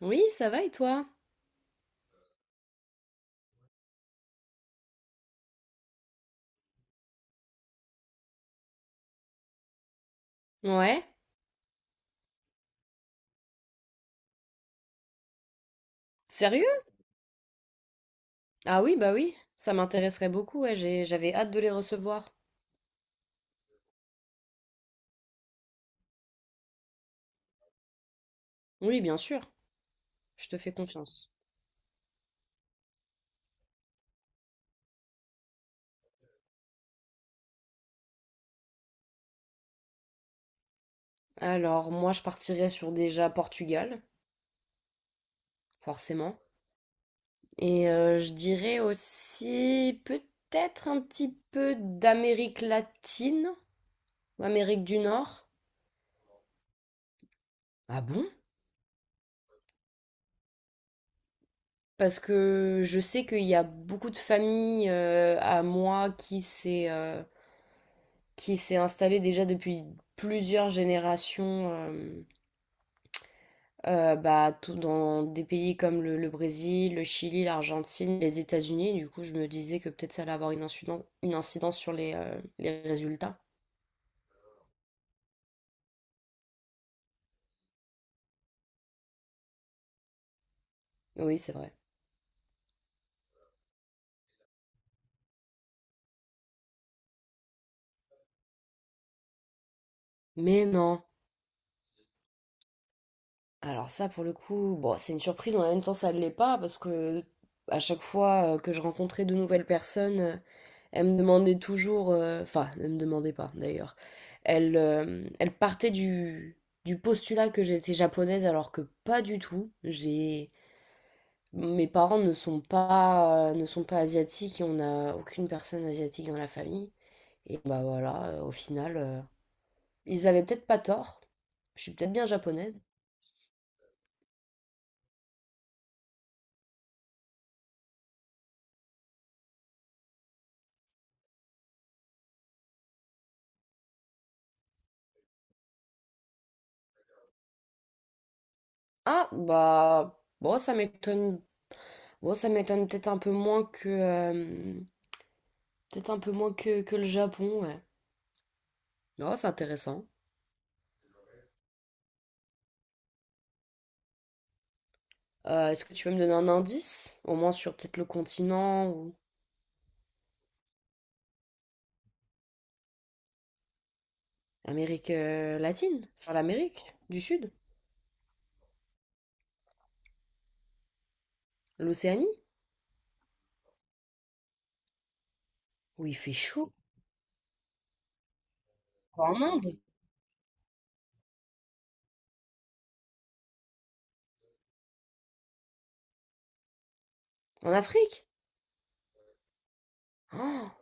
Oui, ça va et toi? Ouais. Sérieux? Ah oui, bah oui. Ça m'intéresserait beaucoup, ouais, j'avais hâte de les recevoir. Oui, bien sûr. Je te fais confiance. Alors, moi, je partirais sur déjà Portugal, forcément. Et je dirais aussi peut-être un petit peu d'Amérique latine ou Amérique du Nord. Ah bon? Parce que je sais qu'il y a beaucoup de familles à moi qui s'est installé déjà depuis plusieurs générations bah, tout dans des pays comme le Brésil, le Chili, l'Argentine, les États-Unis. Du coup, je me disais que peut-être ça allait avoir une incidence sur les résultats. Oui, c'est vrai. Mais non. Alors ça, pour le coup, bon, c'est une surprise, mais en même temps, ça ne l'est pas, parce que à chaque fois que je rencontrais de nouvelles personnes, elles me demandaient toujours, enfin, ne me demandaient pas d'ailleurs, elles partaient du postulat que j'étais japonaise, alors que pas du tout. Mes parents ne sont pas, ne sont pas asiatiques et on n'a aucune personne asiatique dans la famille. Et bah voilà, au final, ils avaient peut-être pas tort. Je suis peut-être bien japonaise. Ah, bah, bon, ça m'étonne. Bon, ça m'étonne peut-être un peu moins que, peut-être un peu moins que le Japon, ouais. Non, c'est intéressant. Est-ce que tu peux me donner un indice? Au moins sur peut-être le continent ou l'Amérique latine? Enfin, l'Amérique du Sud? L'Océanie? Où il fait chaud? Quoi, en Inde? En Afrique? Oh,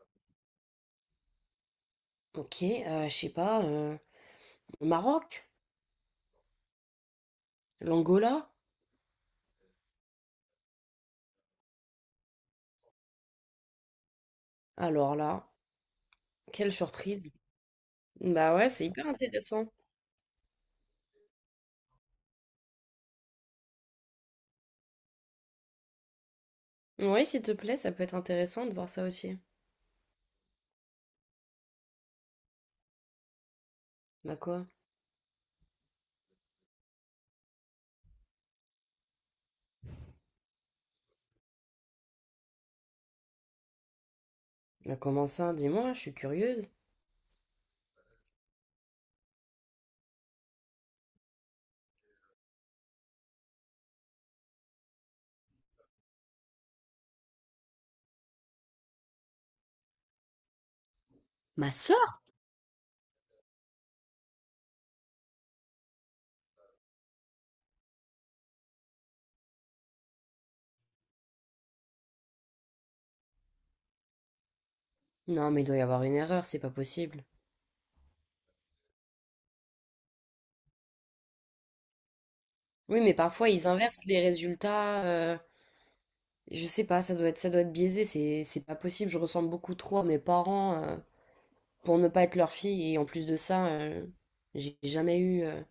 ok, je sais pas, le Maroc? L'Angola? Alors là, quelle surprise. Bah ouais, c'est hyper intéressant. Oui, s'il te plaît, ça peut être intéressant de voir ça aussi. Bah quoi? Bah comment ça? Dis-moi, je suis curieuse. Ma sœur? Non, mais il doit y avoir une erreur, c'est pas possible. Oui, mais parfois ils inversent les résultats, je sais pas, ça doit être biaisé, c'est pas possible. Je ressemble beaucoup trop à mes parents pour ne pas être leur fille. Et en plus de ça, j'ai jamais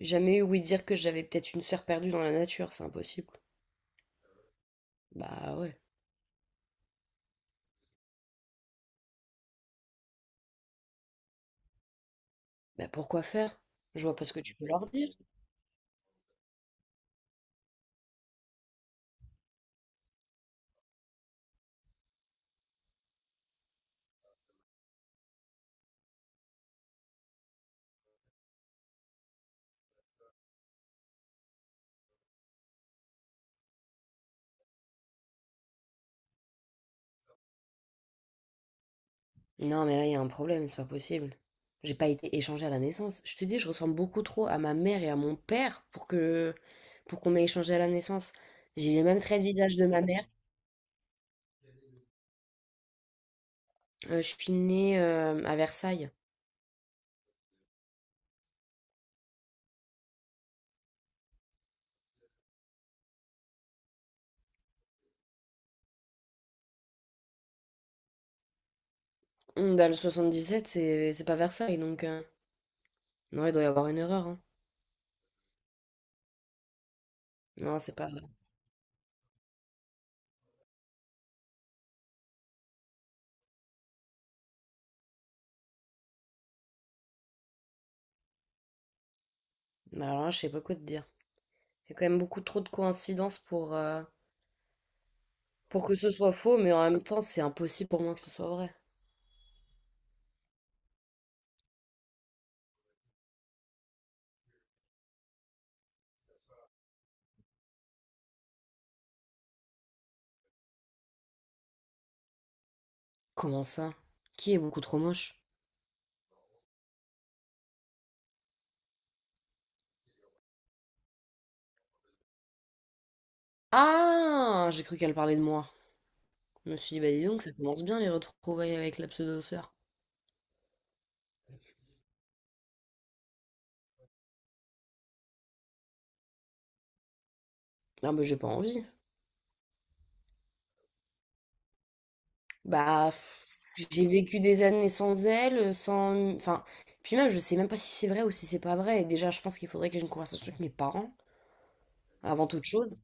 jamais eu oui dire que j'avais peut-être une sœur perdue dans la nature, c'est impossible. Bah ouais. Bah pourquoi faire? Je vois pas ce que tu peux leur dire. Non, mais là, il y a un problème, c'est pas possible. J'ai pas été échangée à la naissance. Je te dis, je ressemble beaucoup trop à ma mère et à mon père pour que pour qu'on ait échangé à la naissance. J'ai les mêmes traits de visage de ma mère. Je suis née à Versailles. Dans le sept c'est pas Versailles, donc... Non, il doit y avoir une erreur, hein. Non, c'est pas vrai. Bah alors là, je sais pas quoi te dire. Il y a quand même beaucoup trop de coïncidences pour que ce soit faux, mais en même temps, c'est impossible pour moi que ce soit vrai. Comment ça? Qui est beaucoup trop moche? Ah! J'ai cru qu'elle parlait de moi. Je me suis dit, bah dis donc, ça commence bien les retrouvailles avec la pseudo-sœur. Ah bah j'ai pas envie. Bah, pff, j'ai vécu des années sans elle, sans... Enfin, puis même, je sais même pas si c'est vrai ou si c'est pas vrai. Et déjà, je pense qu'il faudrait que j'ai une conversation avec mes parents, avant toute chose.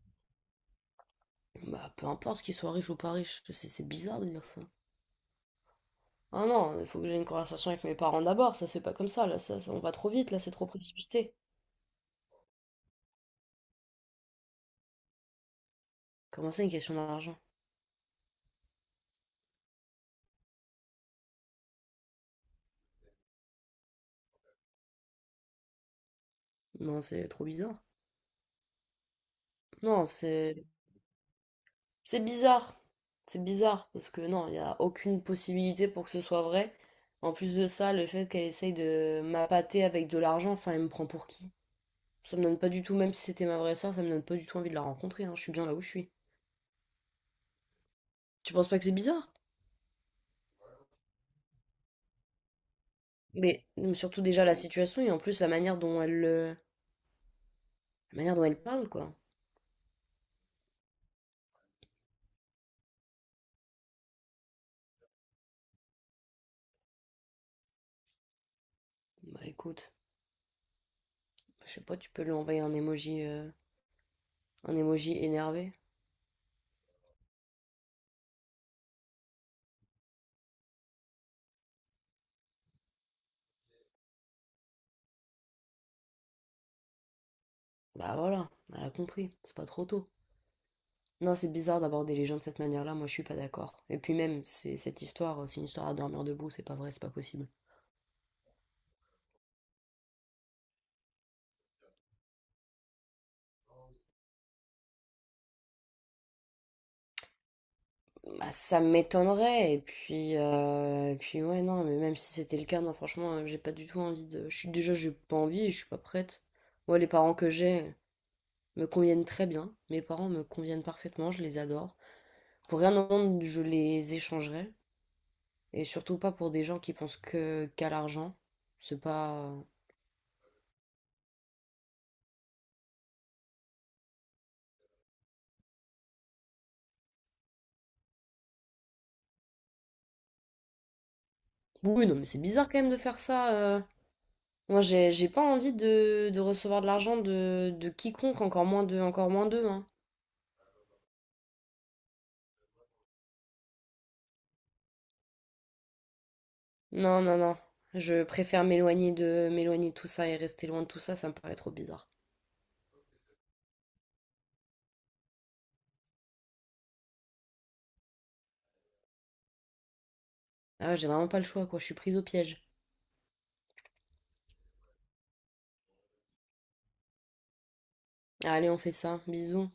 Bah, peu importe qu'ils soient riches ou pas riches, c'est bizarre de dire ça. Ah non, il faut que j'ai une conversation avec mes parents d'abord, ça c'est pas comme ça, là, ça- on va trop vite, là, c'est trop précipité. Comment ça, une question d'argent? Non, c'est trop bizarre. Non, c'est... c'est bizarre. C'est bizarre parce que non, il n'y a aucune possibilité pour que ce soit vrai. En plus de ça, le fait qu'elle essaye de m'appâter avec de l'argent, enfin, elle me prend pour qui? Ça me donne pas du tout, même si c'était ma vraie sœur, ça me donne pas du tout envie de la rencontrer, hein. Je suis bien là où je suis. Tu penses pas que c'est bizarre? Mais surtout déjà la situation et en plus la manière dont elle, la manière dont elle parle, quoi. Bah écoute, je sais pas, tu peux lui envoyer un emoji énervé. Bah voilà, elle a compris, c'est pas trop tôt. Non, c'est bizarre d'aborder les gens de cette manière-là, moi je suis pas d'accord. Et puis même, c'est cette histoire, c'est une histoire à dormir debout, c'est pas vrai, c'est pas possible. Bah ça m'étonnerait, et puis ouais non, mais même si c'était le cas, non franchement, j'ai pas du tout envie de. Je suis déjà j'ai pas envie, je suis pas prête. Moi les parents que j'ai me conviennent très bien. Mes parents me conviennent parfaitement, je les adore. Pour rien au monde, je les échangerais. Et surtout pas pour des gens qui pensent que qu'à l'argent. C'est pas. Oui, non, mais c'est bizarre quand même de faire ça. Moi, j'ai pas envie de recevoir de l'argent de quiconque, encore moins encore moins d'eux, hein. Non, non, non. Je préfère m'éloigner m'éloigner de tout ça et rester loin de tout ça, ça me paraît trop bizarre. Ah ouais, j'ai vraiment pas le choix, quoi. Je suis prise au piège. Allez, on fait ça. Bisous.